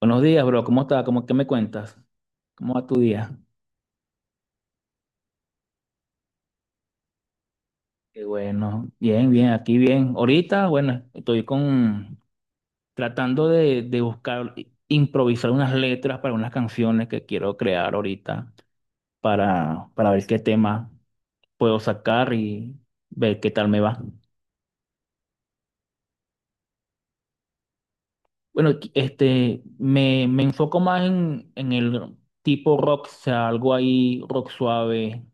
Buenos días, bro. ¿Cómo estás? ¿Cómo qué me cuentas? ¿Cómo va tu día? Qué bueno. Bien, bien, aquí bien. Ahorita, bueno, estoy con tratando de buscar, improvisar unas letras para unas canciones que quiero crear ahorita para ver qué tema puedo sacar y ver qué tal me va. Bueno, me enfoco más en el tipo rock, o sea, algo ahí rock suave,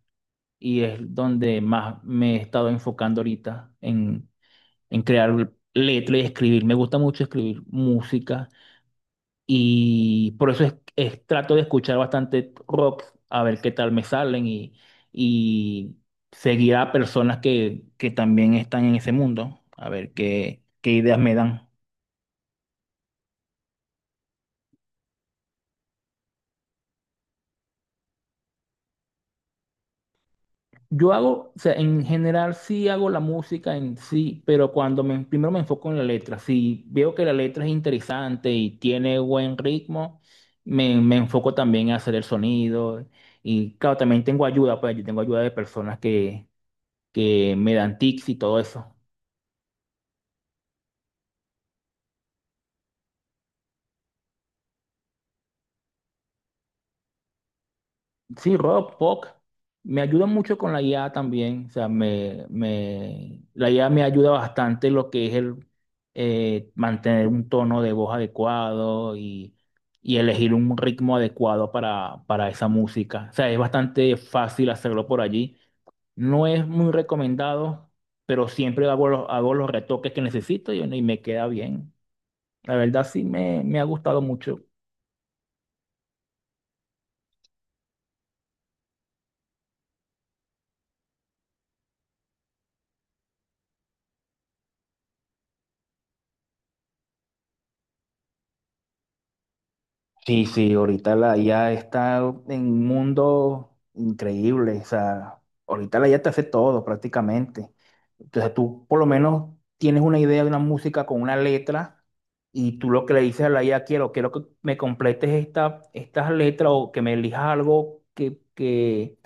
y es donde más me he estado enfocando ahorita en crear letras y escribir. Me gusta mucho escribir música y por eso trato de escuchar bastante rock, a ver qué tal me salen y seguir a personas que también están en ese mundo, a ver qué ideas me dan. Yo hago, o sea, en general sí hago la música en sí, pero cuando primero me enfoco en la letra. Si veo que la letra es interesante y tiene buen ritmo, me enfoco también a hacer el sonido. Y claro, también tengo ayuda, pues yo tengo ayuda de personas que me dan tips y todo eso. Sí, rock, pop. Me ayuda mucho con la IA también. O sea, la IA me ayuda bastante en lo que es el mantener un tono de voz adecuado y elegir un ritmo adecuado para esa música. O sea, es bastante fácil hacerlo por allí. No es muy recomendado, pero siempre hago los retoques que necesito y, bueno, y me queda bien. La verdad, sí me ha gustado mucho. Sí, sí, ahorita la IA está en un mundo increíble. O sea, ahorita la IA te hace todo prácticamente. Entonces tú por lo menos tienes una idea de una música con una letra, y tú lo que le dices a la IA, quiero que me completes estas letras o que me elijas algo que, que,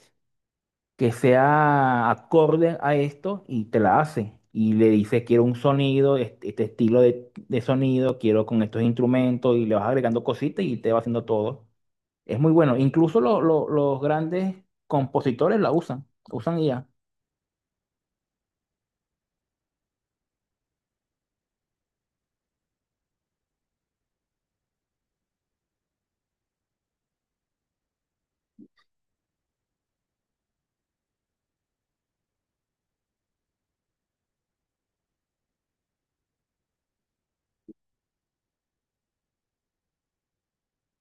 que sea acorde a esto, y te la hace. Y le dice, quiero un sonido, este estilo de sonido, quiero con estos instrumentos, y le vas agregando cositas y te va haciendo todo. Es muy bueno. Incluso los grandes compositores la usan IA.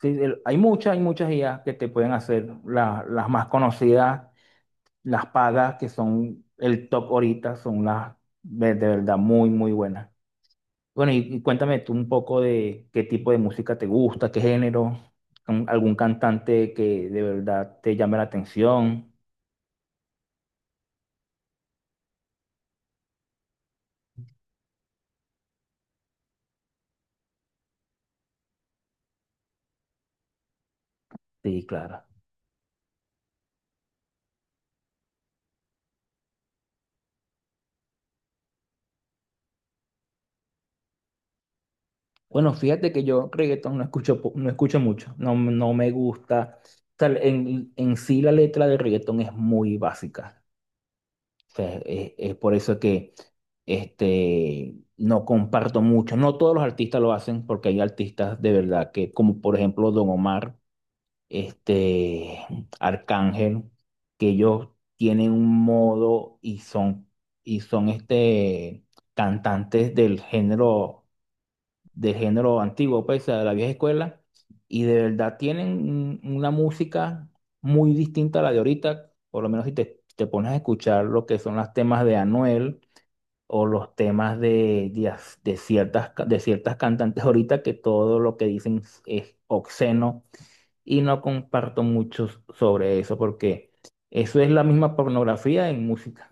Sí, hay muchas IA que te pueden hacer. Las más conocidas, las pagas, que son el top ahorita, son las de verdad muy, muy buenas. Bueno, y cuéntame tú un poco de qué tipo de música te gusta, qué género, algún cantante que de verdad te llame la atención. Sí, claro. Bueno, fíjate que yo reggaetón no escucho, no escucho mucho, no, no me gusta. O sea, en sí la letra de reggaetón es muy básica. O sea, es por eso que no comparto mucho. No todos los artistas lo hacen, porque hay artistas de verdad que, como por ejemplo Don Omar, este Arcángel, que ellos tienen un modo y son y son cantantes del género, antiguo, pues de la vieja escuela, y de verdad tienen una música muy distinta a la de ahorita. Por lo menos, si te pones a escuchar lo que son los temas de Anuel o los temas de, as- de ciertas, ca- de ciertas cantantes ahorita, que todo lo que dicen es obsceno, y no comparto mucho sobre eso, porque eso es la misma pornografía en música.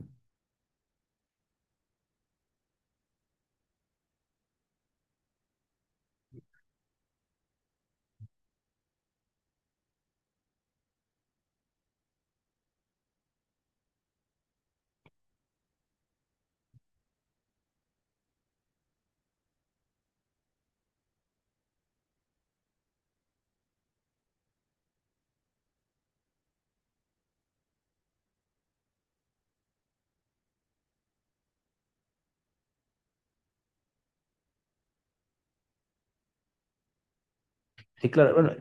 Sí, claro, bueno,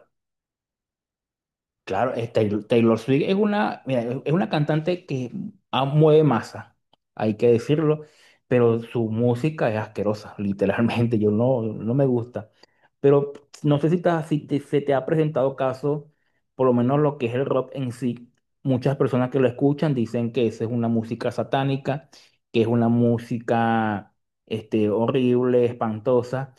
claro, es Taylor Swift. Es una, mira, es una cantante que ah, mueve masa, hay que decirlo, pero su música es asquerosa, literalmente, yo no, no me gusta. Pero no sé si, te, si te- se te ha presentado caso, por lo menos lo que es el rock en sí. Muchas personas que lo escuchan dicen que esa es una música satánica, que es una música horrible, espantosa.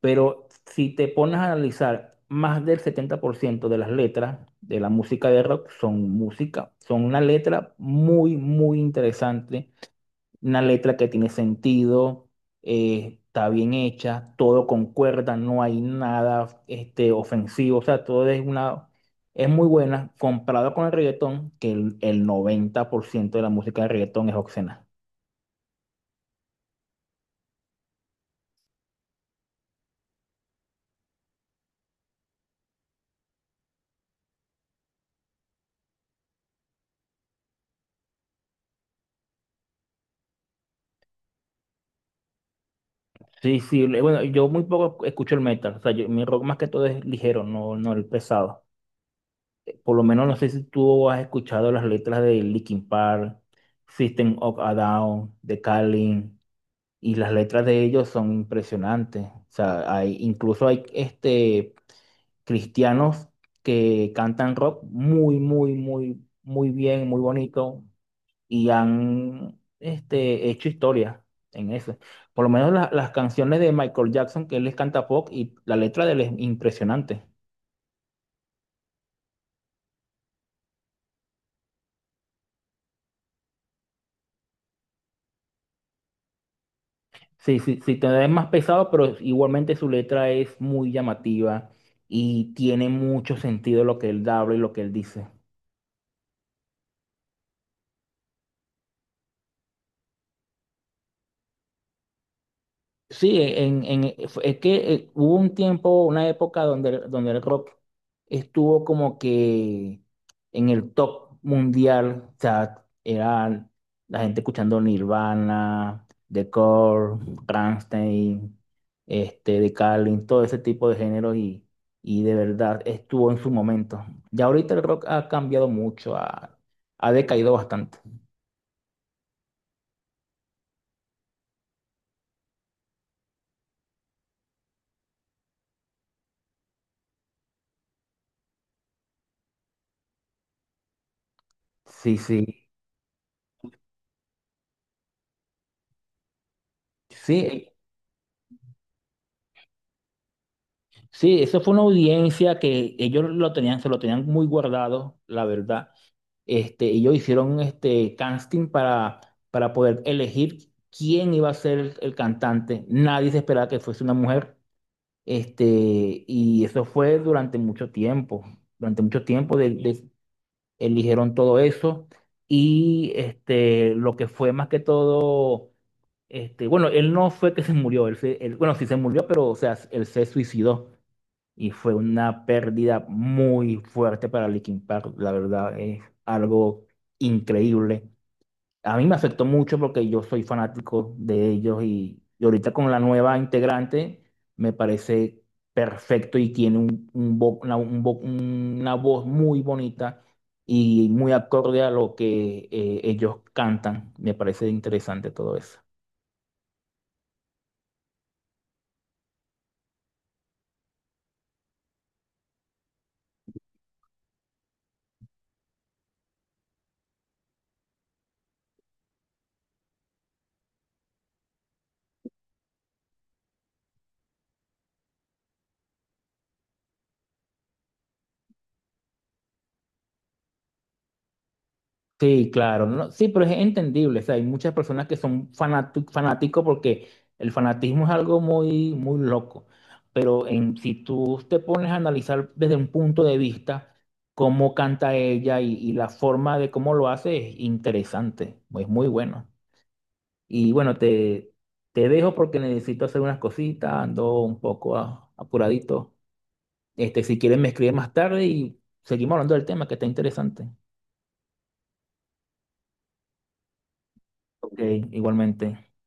Pero si te pones a analizar, más del 70% de las letras de la música de rock son música, son una letra muy, muy interesante, una letra que tiene sentido, está bien hecha, todo concuerda, no hay nada ofensivo. O sea, todo es muy buena comparado con el reggaetón, que el 90% de la música de reggaetón es obscena. Sí, sí, bueno, yo muy poco escucho el metal. O sea, mi rock más que todo es ligero, no, no el pesado. Por lo menos, no sé si tú has escuchado las letras de Linkin Park, System of a Down, de Calling. Y las letras de ellos son impresionantes. O sea, incluso hay cristianos que cantan rock muy, muy, muy, muy bien, muy bonito, y han hecho historia en eso. Por lo menos las canciones de Michael Jackson, que él les canta pop, y la letra de él es impresionante. Sí, sí, sí, todavía es más pesado, pero igualmente su letra es muy llamativa y tiene mucho sentido lo que él habla y lo que él dice. Sí, es que hubo un tiempo, una época donde el rock estuvo como que en el top mundial. O sea, era la gente escuchando Nirvana, The Core, Rammstein, The Carlin, todo ese tipo de géneros, y de verdad estuvo en su momento. Ya ahorita el rock ha cambiado mucho, ha decaído bastante. Sí, sí. Sí, sí, eso fue una audiencia que ellos lo tenían, se lo tenían muy guardado, la verdad. Ellos hicieron este casting para poder elegir quién iba a ser el cantante. Nadie se esperaba que fuese una mujer. Este, y eso fue durante mucho tiempo. Durante mucho tiempo eligieron todo eso. Y lo que fue más que todo, bueno, él no fue que se murió, bueno, sí se murió, pero o sea, él se suicidó y fue una pérdida muy fuerte para Linkin Park. La verdad es algo increíble. A mí me afectó mucho porque yo soy fanático de ellos, y ahorita con la nueva integrante me parece perfecto, y tiene una voz muy bonita y muy acorde a lo que ellos cantan. Me parece interesante todo eso. Sí, claro, no, sí, pero es entendible. O sea, hay muchas personas que son fanáticos, porque el fanatismo es algo muy, muy loco. Pero si tú te pones a analizar desde un punto de vista cómo canta ella, y la forma de cómo lo hace es interesante, es muy bueno. Y bueno, te dejo porque necesito hacer unas cositas, ando un poco apuradito. Si quieres, me escribes más tarde y seguimos hablando del tema, que está interesante. Ok, igualmente.